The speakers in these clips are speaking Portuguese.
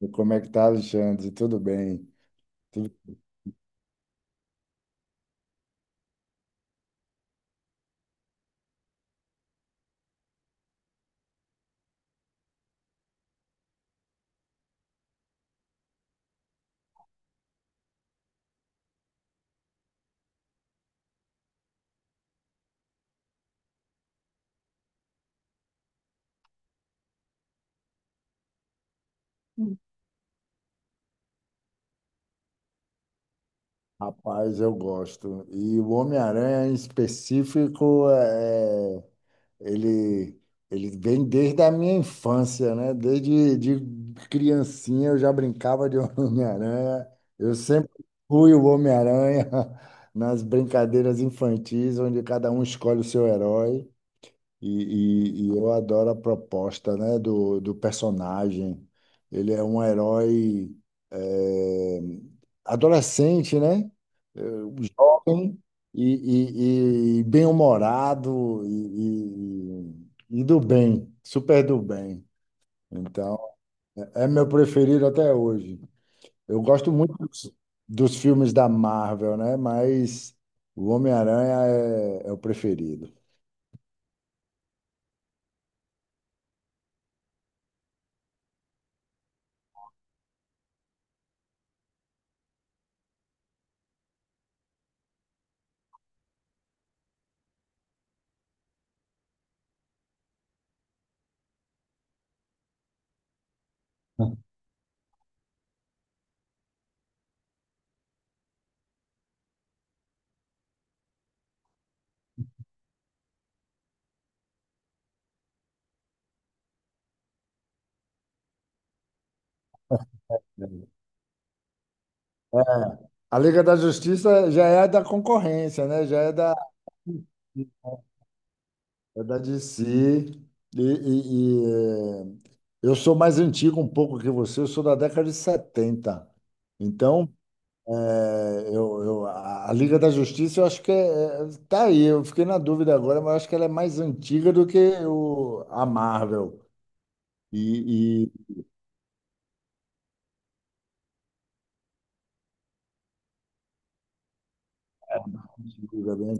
E como é que tá, Alexandre? Tudo bem? Tudo... Rapaz, eu gosto. E o Homem-Aranha, em específico, é... ele... ele vem desde a minha infância, né? Desde de criancinha eu já brincava de Homem-Aranha. Eu sempre fui o Homem-Aranha nas brincadeiras infantis, onde cada um escolhe o seu herói. E eu adoro a proposta, né, do personagem. Ele é um herói eh, adolescente, né? Eh, Jovem e bem-humorado e do bem, super do bem. Então, é meu preferido até hoje. Eu gosto muito dos filmes da Marvel, né? Mas o Homem-Aranha é o preferido. É, a Liga da Justiça já é da concorrência, né? É da DC. E, eh, eu sou mais antigo um pouco que você, eu sou da década de 70. Então, eh, eu- a Liga da Justiça, eu acho que tá aí. Eu fiquei na dúvida agora, mas eu acho que ela é mais antiga do que a Marvel. E antiga, né?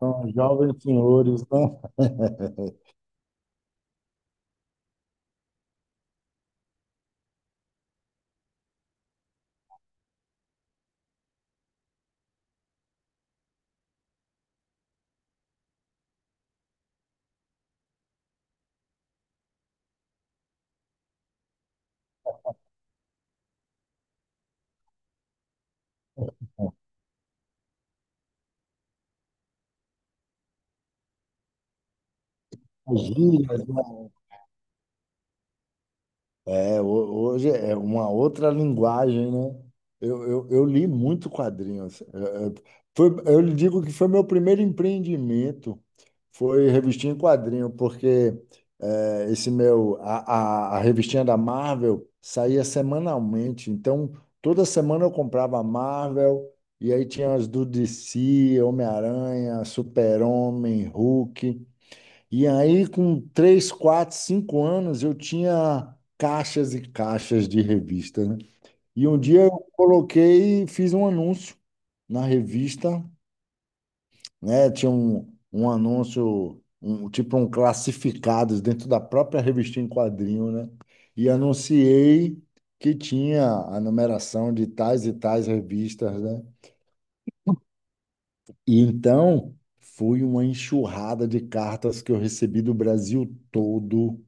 São jovens senhores, né? Gírias, né? É, hoje é uma outra linguagem, né? Eu li muito quadrinhos. Foi, eu lhe digo que foi meu primeiro empreendimento, foi revistinha em quadrinho, porque esse meu, a revistinha da Marvel saía semanalmente, então toda semana eu comprava a Marvel, e aí tinha as do DC, Homem-Aranha, Super-Homem, Hulk. E aí, com três, quatro, cinco anos, eu tinha caixas e caixas de revista, né? E um dia eu coloquei e fiz um anúncio na revista, né? Tinha um anúncio, um, tipo um classificados dentro da própria revista em quadrinho, né? E anunciei que tinha a numeração de tais e tais revistas, né? E então foi uma enxurrada de cartas que eu recebi do Brasil todo,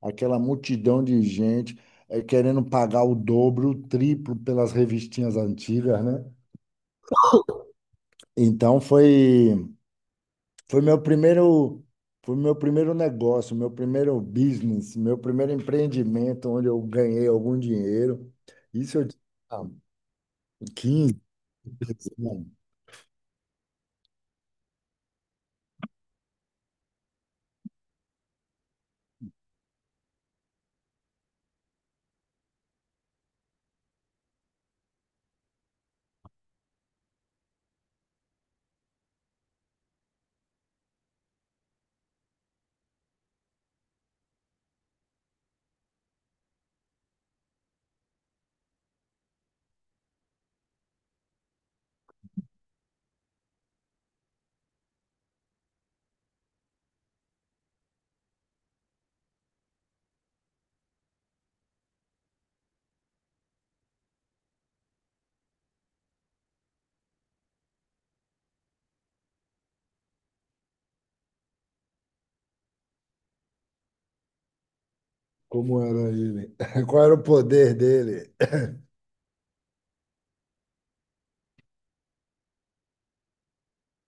aquela multidão de gente querendo pagar o dobro, o triplo pelas revistinhas antigas, né? Então foi meu primeiro foi meu primeiro negócio, meu primeiro business, meu primeiro empreendimento onde eu ganhei algum dinheiro. Isso eu tinha 15, anos, né? Como era ele? Qual era o poder dele?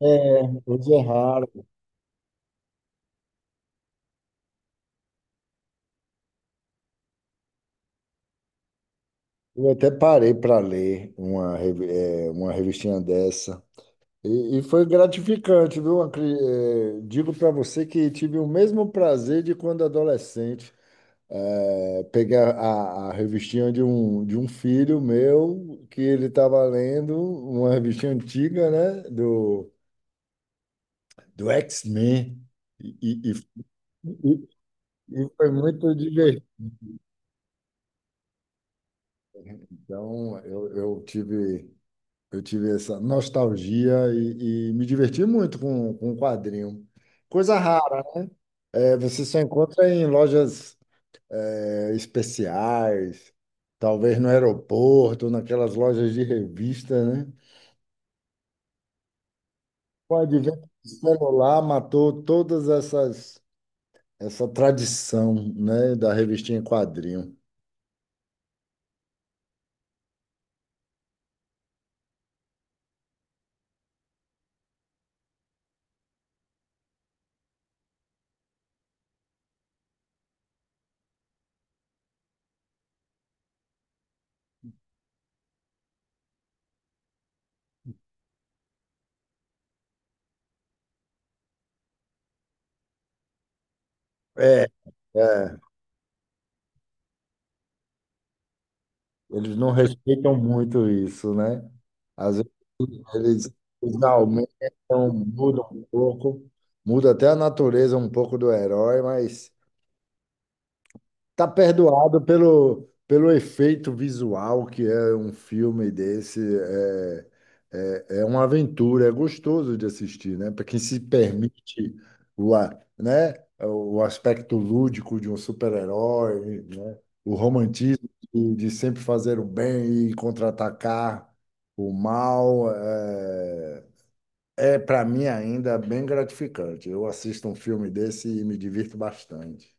É, hoje é raro. Eu até parei para ler uma revistinha dessa. E foi gratificante, viu? Digo para você que tive o mesmo prazer de quando adolescente. Pegar a revistinha de um filho meu, que ele estava lendo, uma revistinha antiga, né? Do X-Men. E, e, e, e e foi muito divertido. Então, eu tive. Eu tive essa nostalgia e me diverti muito com o quadrinho. Coisa rara, é, você só encontra em lojas especiais, talvez no aeroporto, naquelas lojas de revista, né? O advento do celular matou todas essas essa tradição, né, da revistinha em quadrinho. É, é, eles não respeitam muito isso, né? Às Eles, eles aumentam, mudam um pouco, muda até a natureza um pouco do herói, mas tá perdoado pelo, pelo efeito visual que é um filme desse. É uma aventura, é gostoso de assistir, né? Para quem se permite o, a- né? o aspecto lúdico de um super-herói, né? O romantismo de sempre fazer o bem e contra-atacar o mal. Para mim, ainda é bem gratificante. Eu assisto um filme desse e me divirto bastante.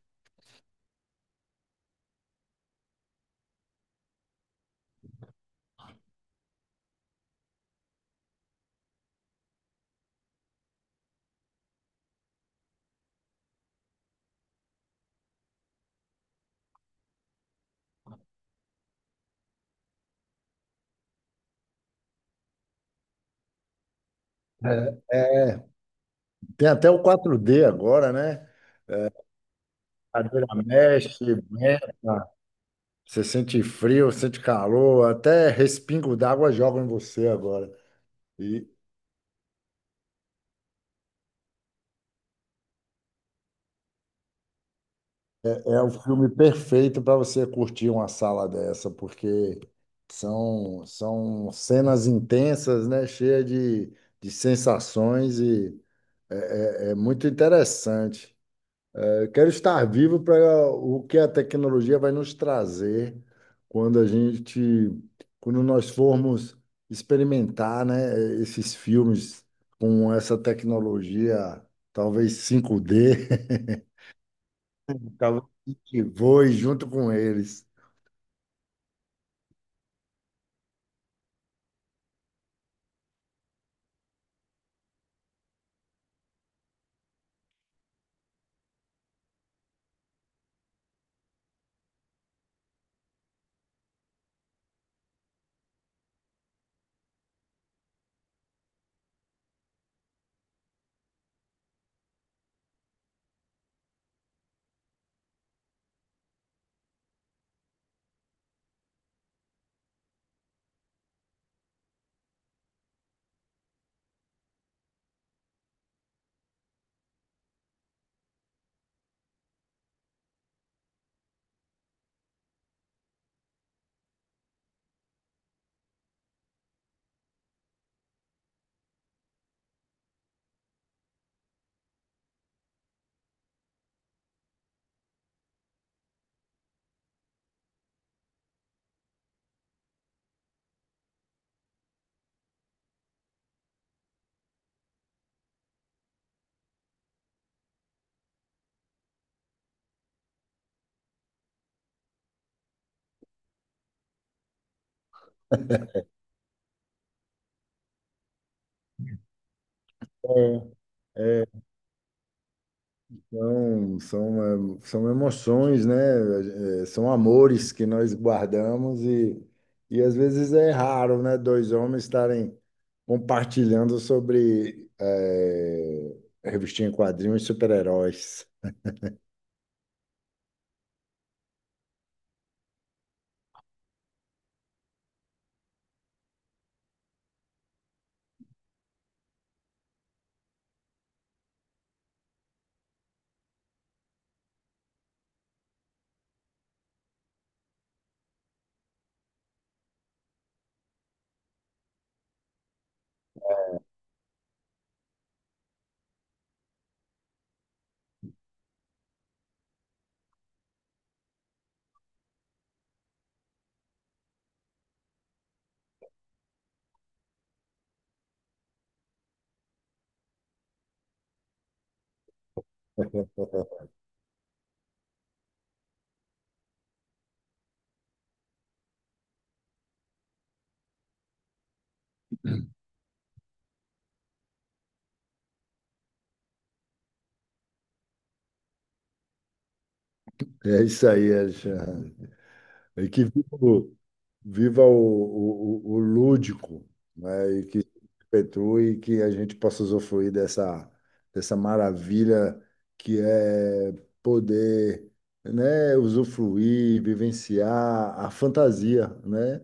É. Tem até o 4D agora, né? Cadeira mexe, venta, você sente frio, sente calor, até respingo d'água jogam em você agora. E é o filme perfeito para você curtir uma sala dessa, porque são cenas intensas, né? Cheia de sensações e é muito interessante. Eu quero estar vivo para o que a tecnologia vai nos trazer quando a gente, quando nós formos experimentar, né, esses filmes com essa tecnologia, talvez 5D, que voe junto com eles. É. São emoções, né? São amores que nós guardamos e às vezes é raro, né? Dois homens estarem compartilhando sobre revistinha em quadrinhos e super-heróis. É isso aí, Alexandre. E que viva, viva o lúdico, né? E que se perpetue e que a gente possa usufruir dessa maravilha que é poder, né, usufruir, vivenciar a fantasia, né?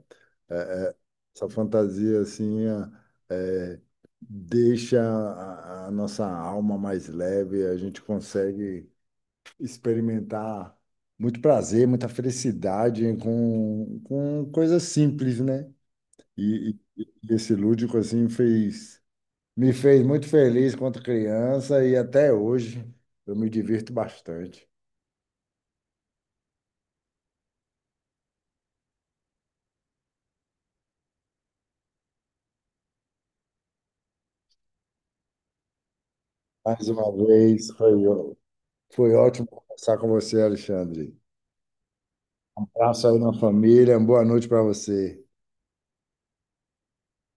É, Essa fantasia assim é, deixa a nossa alma mais leve, a gente consegue experimentar muito prazer, muita felicidade com coisas simples, né? E, e esse lúdico assim fez me fez muito feliz quando criança e até hoje eu me divirto bastante. Mais uma vez foi ótimo conversar com você, Alexandre. Um abraço aí na família, uma boa noite para você.